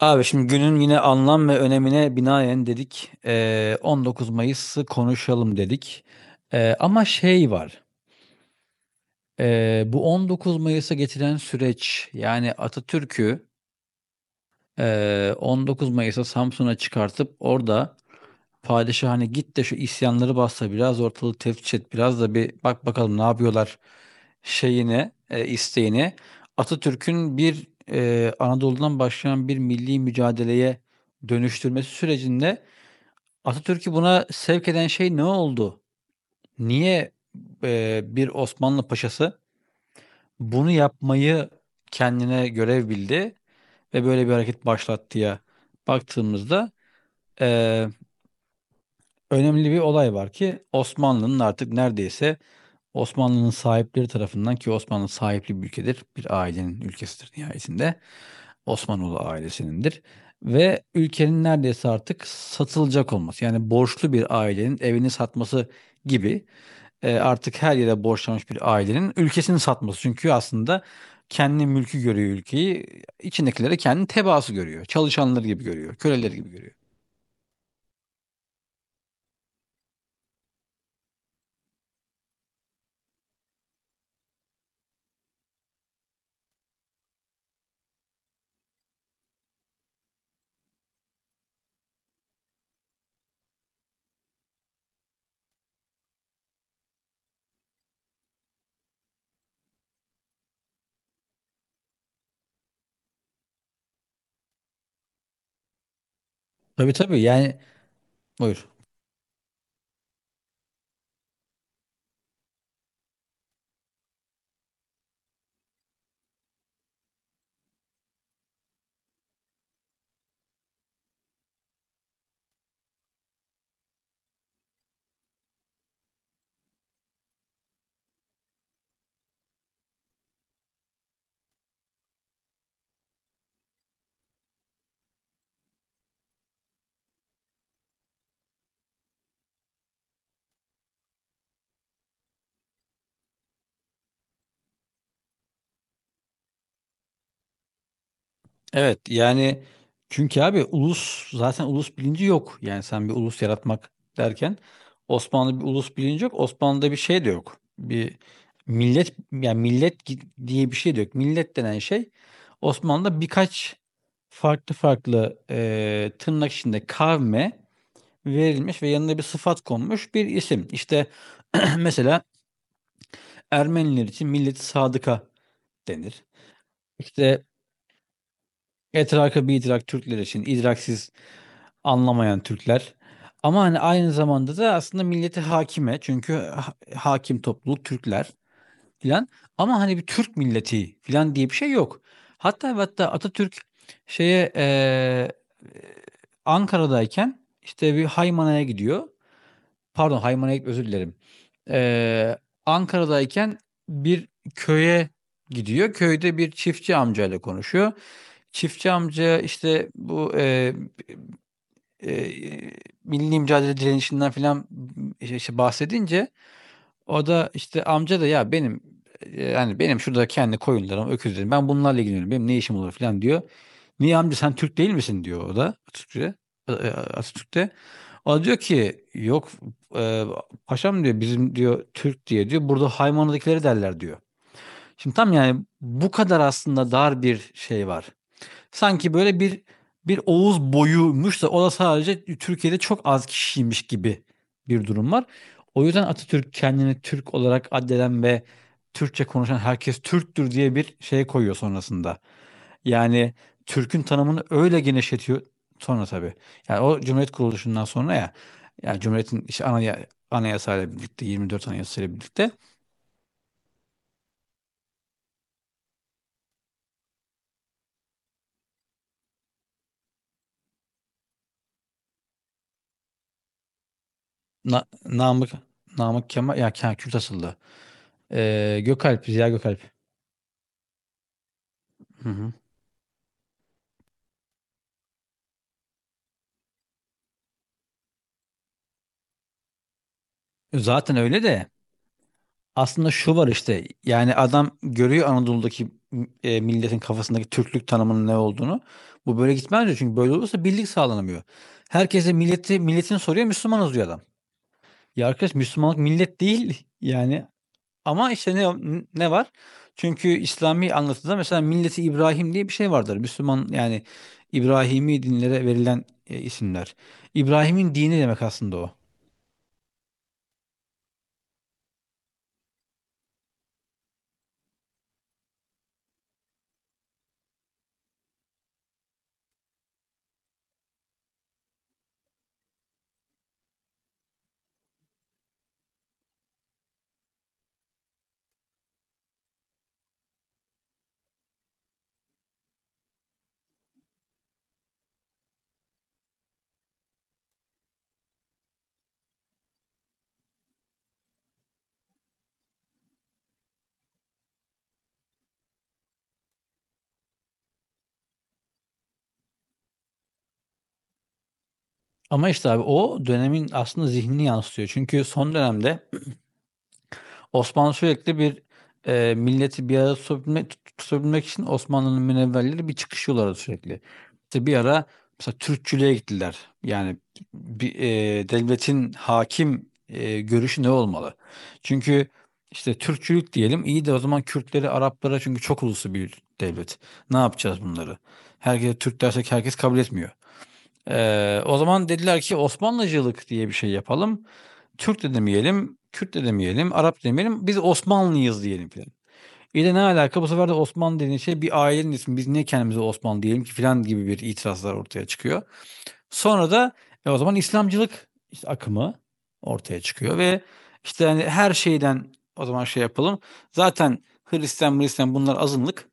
Abi şimdi günün yine anlam ve önemine binaen dedik, 19 Mayıs'ı konuşalım dedik. Ama şey var, bu 19 Mayıs'a getiren süreç, yani Atatürk'ü, 19 Mayıs'a Samsun'a çıkartıp orada Padişah hani git de şu isyanları bassa biraz ortalığı teftiş et biraz da bir bak bakalım ne yapıyorlar şeyini isteğini. Atatürk'ün bir Anadolu'dan başlayan bir milli mücadeleye dönüştürmesi sürecinde Atatürk'ü buna sevk eden şey ne oldu? Niye bir Osmanlı paşası bunu yapmayı kendine görev bildi ve böyle bir hareket başlattı ya baktığımızda e, önemli bir olay var ki Osmanlı'nın artık neredeyse Osmanlı'nın sahipleri tarafından ki Osmanlı sahipli bir ülkedir. Bir ailenin ülkesidir nihayetinde. Osmanoğlu ailesinindir. Ve ülkenin neredeyse artık satılacak olması yani borçlu bir ailenin evini satması gibi artık her yere borçlanmış bir ailenin ülkesini satması. Çünkü aslında kendi mülkü görüyor ülkeyi içindekileri kendi tebaası görüyor. Çalışanları gibi görüyor, köleleri gibi görüyor. Tabii tabii, yani buyur. Evet, yani çünkü abi ulus zaten ulus bilinci yok. Yani sen bir ulus yaratmak derken Osmanlı'da bir ulus bilinci yok. Osmanlı'da bir şey de yok. Bir millet yani diye bir şey de yok. Millet denen şey Osmanlı'da birkaç farklı farklı tırnak içinde kavme verilmiş ve yanına bir sıfat konmuş bir isim. İşte mesela Ermeniler için milleti sadıka denir. İşte etraka bir idrak Türkler için idraksiz anlamayan Türkler. Ama hani aynı zamanda da aslında milleti hakime çünkü hakim topluluk Türkler filan. Ama hani bir Türk milleti filan diye bir şey yok. Hatta ve hatta Atatürk şeye Ankara'dayken işte bir Haymana'ya gidiyor. Pardon Haymana'ya gitmiyor, özür dilerim. Eee, Ankara'dayken bir köye gidiyor. Köyde bir çiftçi amcayla konuşuyor. Çiftçi amca işte bu Eee, milli mücadele direnişinden filan, işte, bahsedince o da, işte, amca da "Ya, benim, hani, benim şurada kendi koyunlarım, öküzlerim, ben bunlarla ilgileniyorum, benim ne işim olur?" filan diyor. "Niye amca sen Türk değil misin?" diyor o da Atatürk'e, Atatürk'te. O da diyor ki "Yok, eee, paşam" diyor, "bizim" diyor, "Türk diye" diyor, "burada Haymano'dakileri derler." diyor. Şimdi tam, yani, bu kadar aslında dar bir şey var sanki böyle bir Oğuz boyuymuş da o da sadece Türkiye'de çok az kişiymiş gibi bir durum var. O yüzden Atatürk kendini Türk olarak addeden ve Türkçe konuşan herkes Türktür diye bir şey koyuyor sonrasında. Yani Türk'ün tanımını öyle genişletiyor sonra tabii. Yani o Cumhuriyet kuruluşundan sonra ya yani Cumhuriyet'in işte anayasayla birlikte 24 anayasayla birlikte Namık Kemal ya Kürt asıllı. Gökalp Ziya Gökalp. Hı hı. Zaten öyle de aslında şu var işte yani adam görüyor Anadolu'daki milletin kafasındaki Türklük tanımının ne olduğunu. Bu böyle gitmez diyor çünkü böyle olursa birlik sağlanamıyor. Herkese milleti milletini soruyor Müslümanız diyor adam. Ya arkadaş Müslümanlık millet değil yani. Ama işte ne var? Çünkü İslami anlatıda mesela Milleti İbrahim diye bir şey vardır. Müslüman yani İbrahimi dinlere verilen isimler. İbrahim'in dini demek aslında o. Ama işte abi o dönemin aslında zihnini yansıtıyor. Çünkü son dönemde Osmanlı sürekli bir milleti bir arada tutabilmek için Osmanlı'nın münevverleri bir çıkışıyorlardı sürekli. İşte bir ara mesela Türkçülüğe gittiler. Yani bir, devletin hakim görüşü ne olmalı? Çünkü işte Türkçülük diyelim iyi de o zaman Kürtleri, Araplara çünkü çok uluslu bir devlet. Ne yapacağız bunları? Herkese Türk dersek herkes kabul etmiyor. O zaman dediler ki Osmanlıcılık diye bir şey yapalım. Türk de demeyelim, Kürt de demeyelim, Arap da demeyelim. Biz Osmanlıyız diyelim filan. İyi de ne alaka bu sefer de Osmanlı dediğin şey bir ailenin ismi. Biz niye kendimize Osmanlı diyelim ki filan gibi bir itirazlar ortaya çıkıyor. Sonra da o zaman İslamcılık işte akımı ortaya çıkıyor ve işte hani her şeyden o zaman şey yapalım. Zaten Hristiyan bunlar azınlık.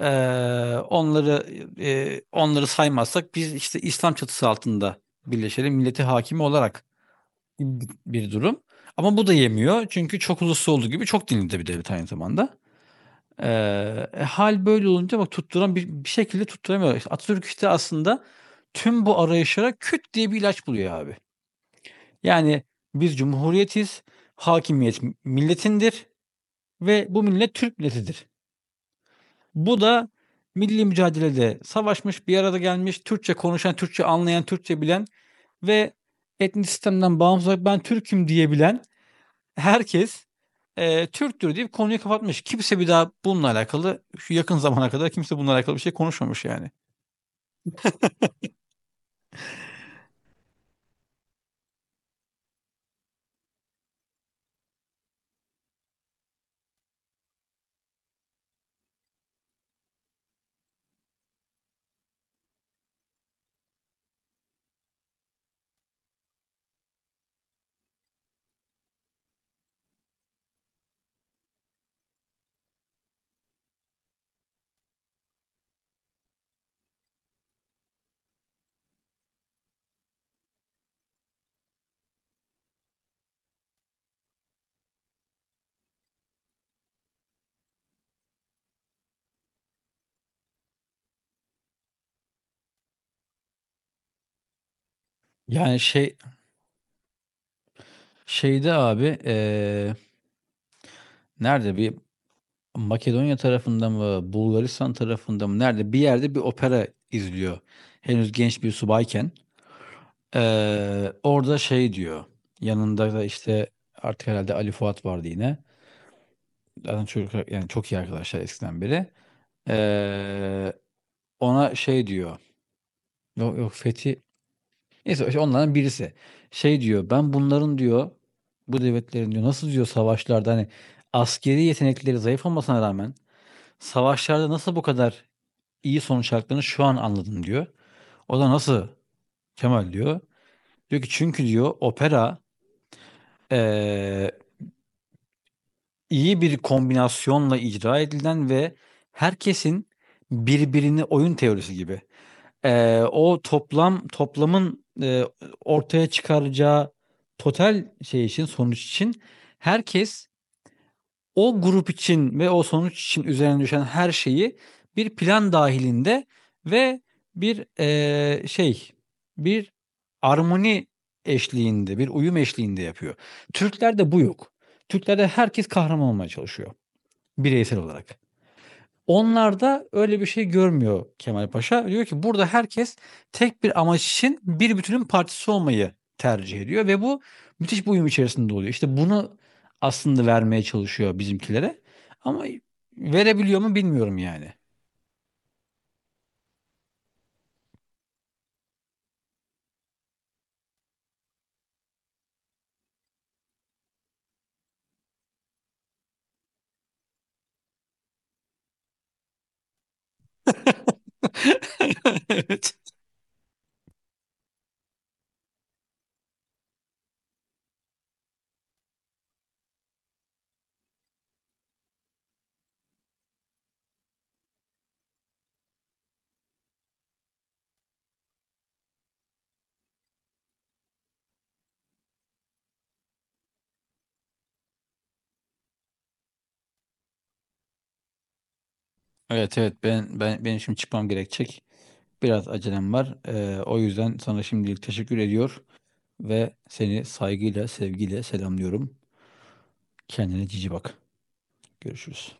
Eee, onları, onları saymazsak biz, işte, İslam çatısı altında birleşelim, milleti hakimi olarak bir durum. Ama bu da yemiyor çünkü çok uluslu olduğu gibi çok dinli de bir devlet aynı zamanda. Hâl böyle olunca bak tutturan bir şekilde tutturamıyor. İşte, Atatürk, işte, aslında tüm bu arayışlara küt diye bir ilaç buluyor abi. Yani biz cumhuriyetiz, hakimiyet milletindir ve bu millet Türk milletidir. Bu da milli mücadelede savaşmış, bir arada gelmiş, Türkçe konuşan, Türkçe anlayan, Türkçe bilen ve etnik sistemden bağımsız olarak ben Türk'üm diyebilen herkes Türktür deyip konuyu kapatmış. Kimse bir daha bununla alakalı şu yakın zamana kadar kimse bununla alakalı bir şey konuşmamış yani. Yani şey şeyde abi nerede bir Makedonya tarafında mı Bulgaristan tarafında mı nerede bir yerde bir opera izliyor. Henüz genç bir subayken. Orada şey diyor, yanında da işte artık herhalde Ali Fuat vardı yine. Zaten çocuk yani çok iyi arkadaşlar eskiden beri. Eee, Ona şey diyor, yok Fethi, neyse işte onlardan birisi. Şey diyor, ben bunların diyor, bu devletlerin diyor, nasıl diyor savaşlarda hani askeri yetenekleri zayıf olmasına rağmen savaşlarda nasıl bu kadar iyi sonuç aldıklarını şu an anladım diyor. O da nasıl Kemal diyor. Diyor ki çünkü diyor opera, eee, iyi bir kombinasyonla icra edilen ve herkesin birbirini oyun teorisi gibi. O toplamın ortaya çıkaracağı total şey için sonuç için herkes o grup için ve o sonuç için üzerine düşen her şeyi bir plan dahilinde ve bir eee, şey bir armoni bir uyum eşliğinde yapıyor. Türklerde bu yok. Türklerde herkes kahraman olmaya çalışıyor bireysel olarak. Onlarda öyle bir şey görmüyor Kemal Paşa. Diyor ki burada herkes tek bir amaç için bir bütünün partisi olmayı tercih ediyor ve bu müthiş bir uyum içerisinde oluyor. İşte bunu aslında vermeye çalışıyor bizimkilere ama verebiliyor mu bilmiyorum yani. Evet. Evet evet benim şimdi çıkmam gerekecek. Biraz acelem var. O yüzden sana şimdilik teşekkür ediyor. Ve seni saygıyla, sevgiyle selamlıyorum. Kendine cici bak. Görüşürüz.